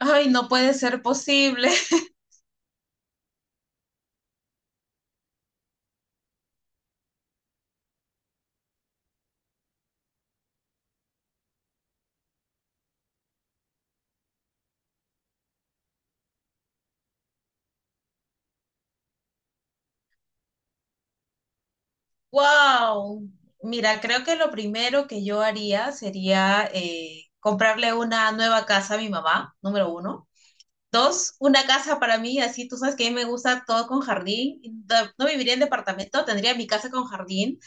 Ay, no puede ser posible. Wow. Mira, creo que lo primero que yo haría sería comprarle una nueva casa a mi mamá, número uno. Dos, una casa para mí, así tú sabes que a mí me gusta todo con jardín. No viviría en departamento, tendría mi casa con jardín.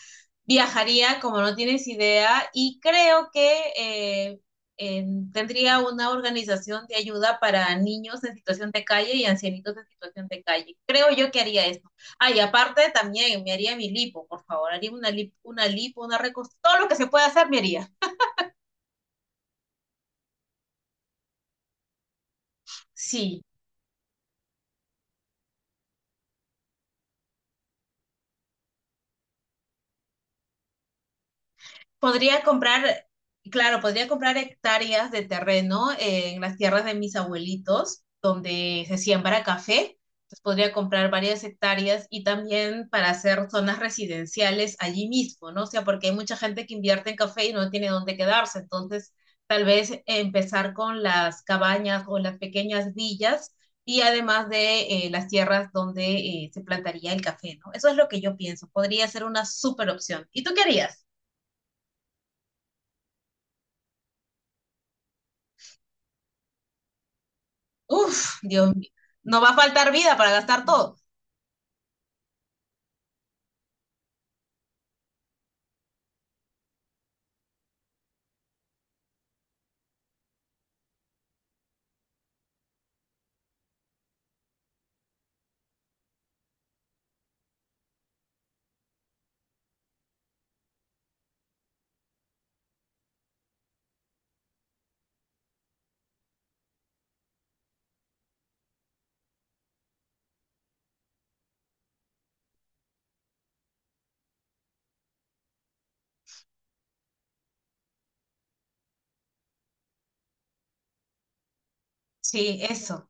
Viajaría como no tienes idea y creo que eh, eh, tendría una organización de ayuda para niños en situación de calle y ancianitos en situación de calle. Creo yo que haría eso. Ah, y aparte también me haría mi lipo, por favor, haría una lipo, todo lo que se pueda hacer me haría. Sí. Podría comprar, claro, podría comprar hectáreas de terreno en las tierras de mis abuelitos, donde se siembra café. Entonces podría comprar varias hectáreas y también para hacer zonas residenciales allí mismo, ¿no? O sea, porque hay mucha gente que invierte en café y no tiene dónde quedarse. Entonces, tal vez empezar con las cabañas o las pequeñas villas y además de las tierras donde se plantaría el café, ¿no? Eso es lo que yo pienso. Podría ser una súper opción. ¿Y tú qué harías? Uf, Dios mío. No va a faltar vida para gastar todo. Sí, eso.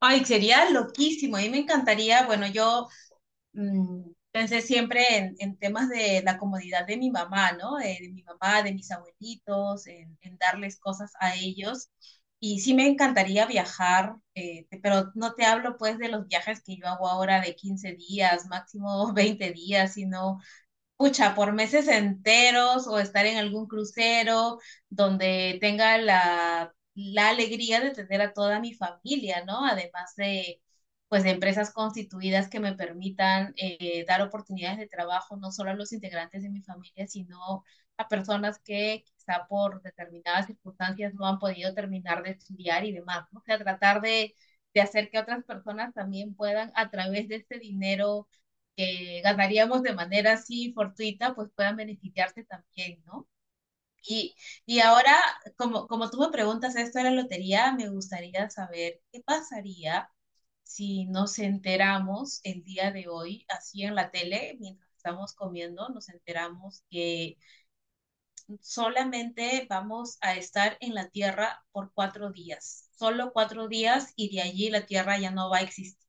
Ay, sería loquísimo. A mí me encantaría, bueno, yo pensé siempre en, temas de la comodidad de mi mamá, ¿no? De mi mamá, de mis abuelitos, en, darles cosas a ellos. Y sí me encantaría viajar, pero no te hablo pues de los viajes que yo hago ahora de 15 días, máximo 20 días, sino pucha, por meses enteros o estar en algún crucero donde tenga la, alegría de tener a toda mi familia, ¿no? Además de, pues, de empresas constituidas que me permitan dar oportunidades de trabajo no solo a los integrantes de mi familia, sino a personas que quizá por determinadas circunstancias no han podido terminar de estudiar y demás, ¿no? O sea, tratar de, hacer que otras personas también puedan, a través de este dinero, que ganaríamos de manera así fortuita, pues puedan beneficiarse también, ¿no? Y, y ahora, como, tú me preguntas esto de la lotería, me gustaría saber qué pasaría si nos enteramos el día de hoy, así en la tele, mientras estamos comiendo, nos enteramos que solamente vamos a estar en la Tierra por 4 días, solo 4 días y de allí la Tierra ya no va a existir.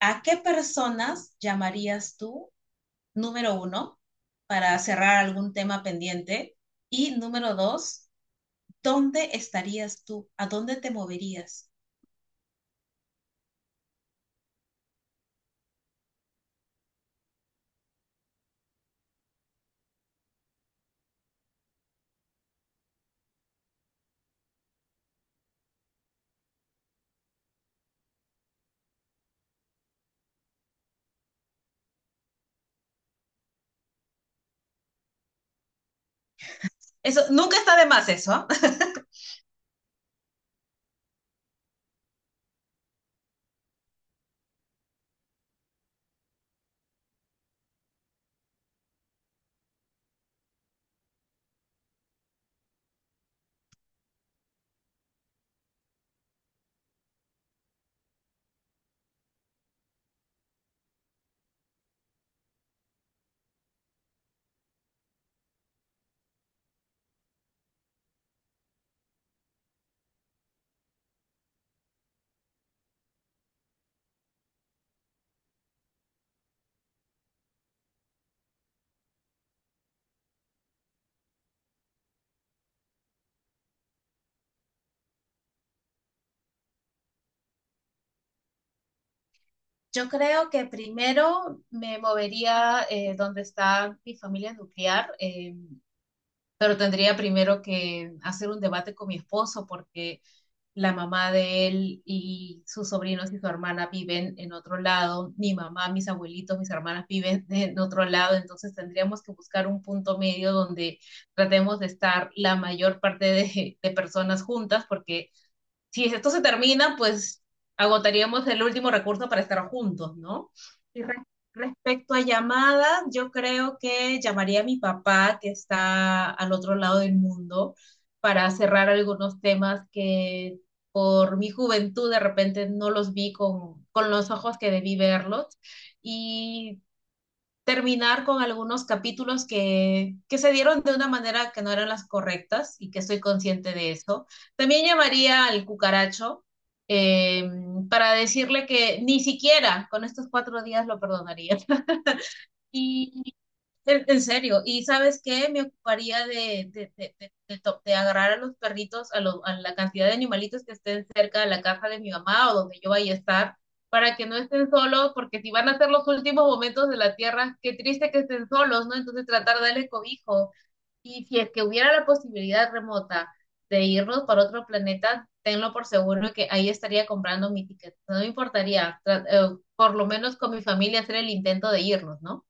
¿A qué personas llamarías tú número uno, para cerrar algún tema pendiente? Y número dos, ¿dónde estarías tú? ¿A dónde te moverías? Eso, nunca está de más eso. ¿Ah? Yo creo que primero me movería donde está mi familia nuclear, pero tendría primero que hacer un debate con mi esposo porque la mamá de él y sus sobrinos y su hermana viven en otro lado, mi mamá, mis abuelitos, mis hermanas viven en otro lado, entonces tendríamos que buscar un punto medio donde tratemos de estar la mayor parte de, personas juntas, porque si esto se termina, pues agotaríamos el último recurso para estar juntos, ¿no? Y respecto a llamadas, yo creo que llamaría a mi papá, que está al otro lado del mundo, para cerrar algunos temas que por mi juventud de repente no los vi con, los ojos que debí verlos. Y terminar con algunos capítulos que, se dieron de una manera que no eran las correctas y que estoy consciente de eso. También llamaría al cucaracho eh, para decirle que ni siquiera con estos 4 días lo perdonaría. Y en, serio, y ¿sabes qué? Me ocuparía de, agarrar a los perritos, a la cantidad de animalitos que estén cerca de la casa de mi mamá o donde yo vaya a estar, para que no estén solos, porque si van a ser los últimos momentos de la tierra, qué triste que estén solos, ¿no? Entonces tratar de darle cobijo. Y si es que hubiera la posibilidad remota de irnos para otro planeta, tenlo por seguro que ahí estaría comprando mi ticket. No me importaría, por lo menos con mi familia hacer el intento de irnos, ¿no?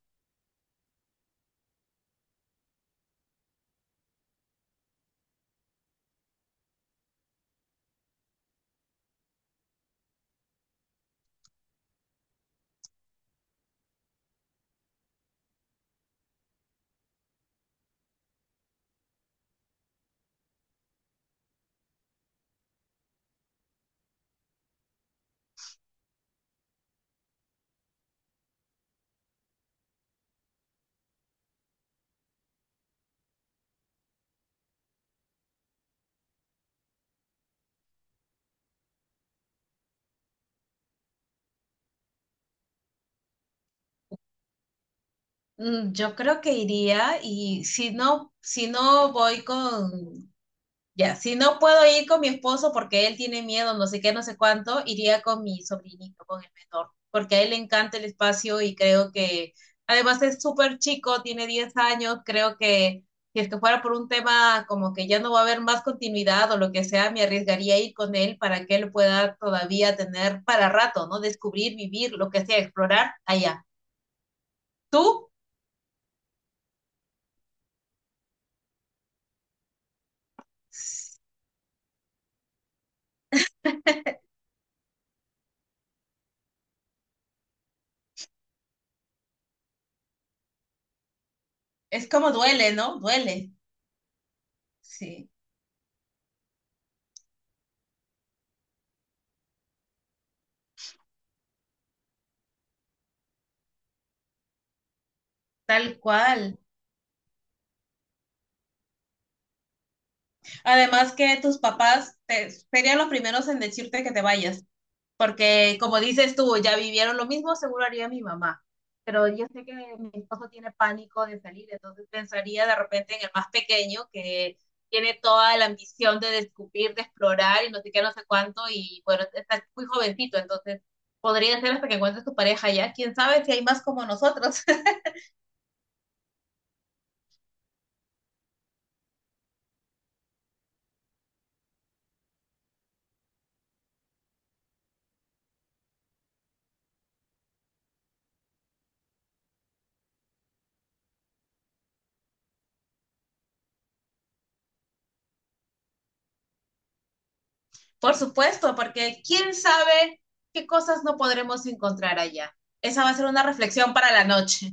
Mm, yo creo que iría y si no voy con, ya, si no puedo ir con mi esposo porque él tiene miedo, no sé qué, no sé cuánto, iría con mi sobrinito, con el menor, porque a él le encanta el espacio y creo que, además es súper chico, tiene 10 años, creo que si es que fuera por un tema como que ya no va a haber más continuidad o lo que sea, me arriesgaría a ir con él para que él pueda todavía tener para rato, ¿no? Descubrir, vivir, lo que sea, explorar allá. ¿Tú? Es como duele, ¿no? Duele. Sí, tal cual. Además que tus papás te, serían los primeros en decirte que te vayas, porque como dices tú, ya vivieron lo mismo, seguro haría mi mamá. Pero yo sé que mi esposo tiene pánico de salir, entonces pensaría de repente en el más pequeño que tiene toda la ambición de descubrir, de explorar y no sé qué, no sé cuánto, y bueno, está muy jovencito, entonces podría ser hasta que encuentres tu pareja ya. ¿Quién sabe si hay más como nosotros? Por supuesto, porque quién sabe qué cosas no podremos encontrar allá. Esa va a ser una reflexión para la noche.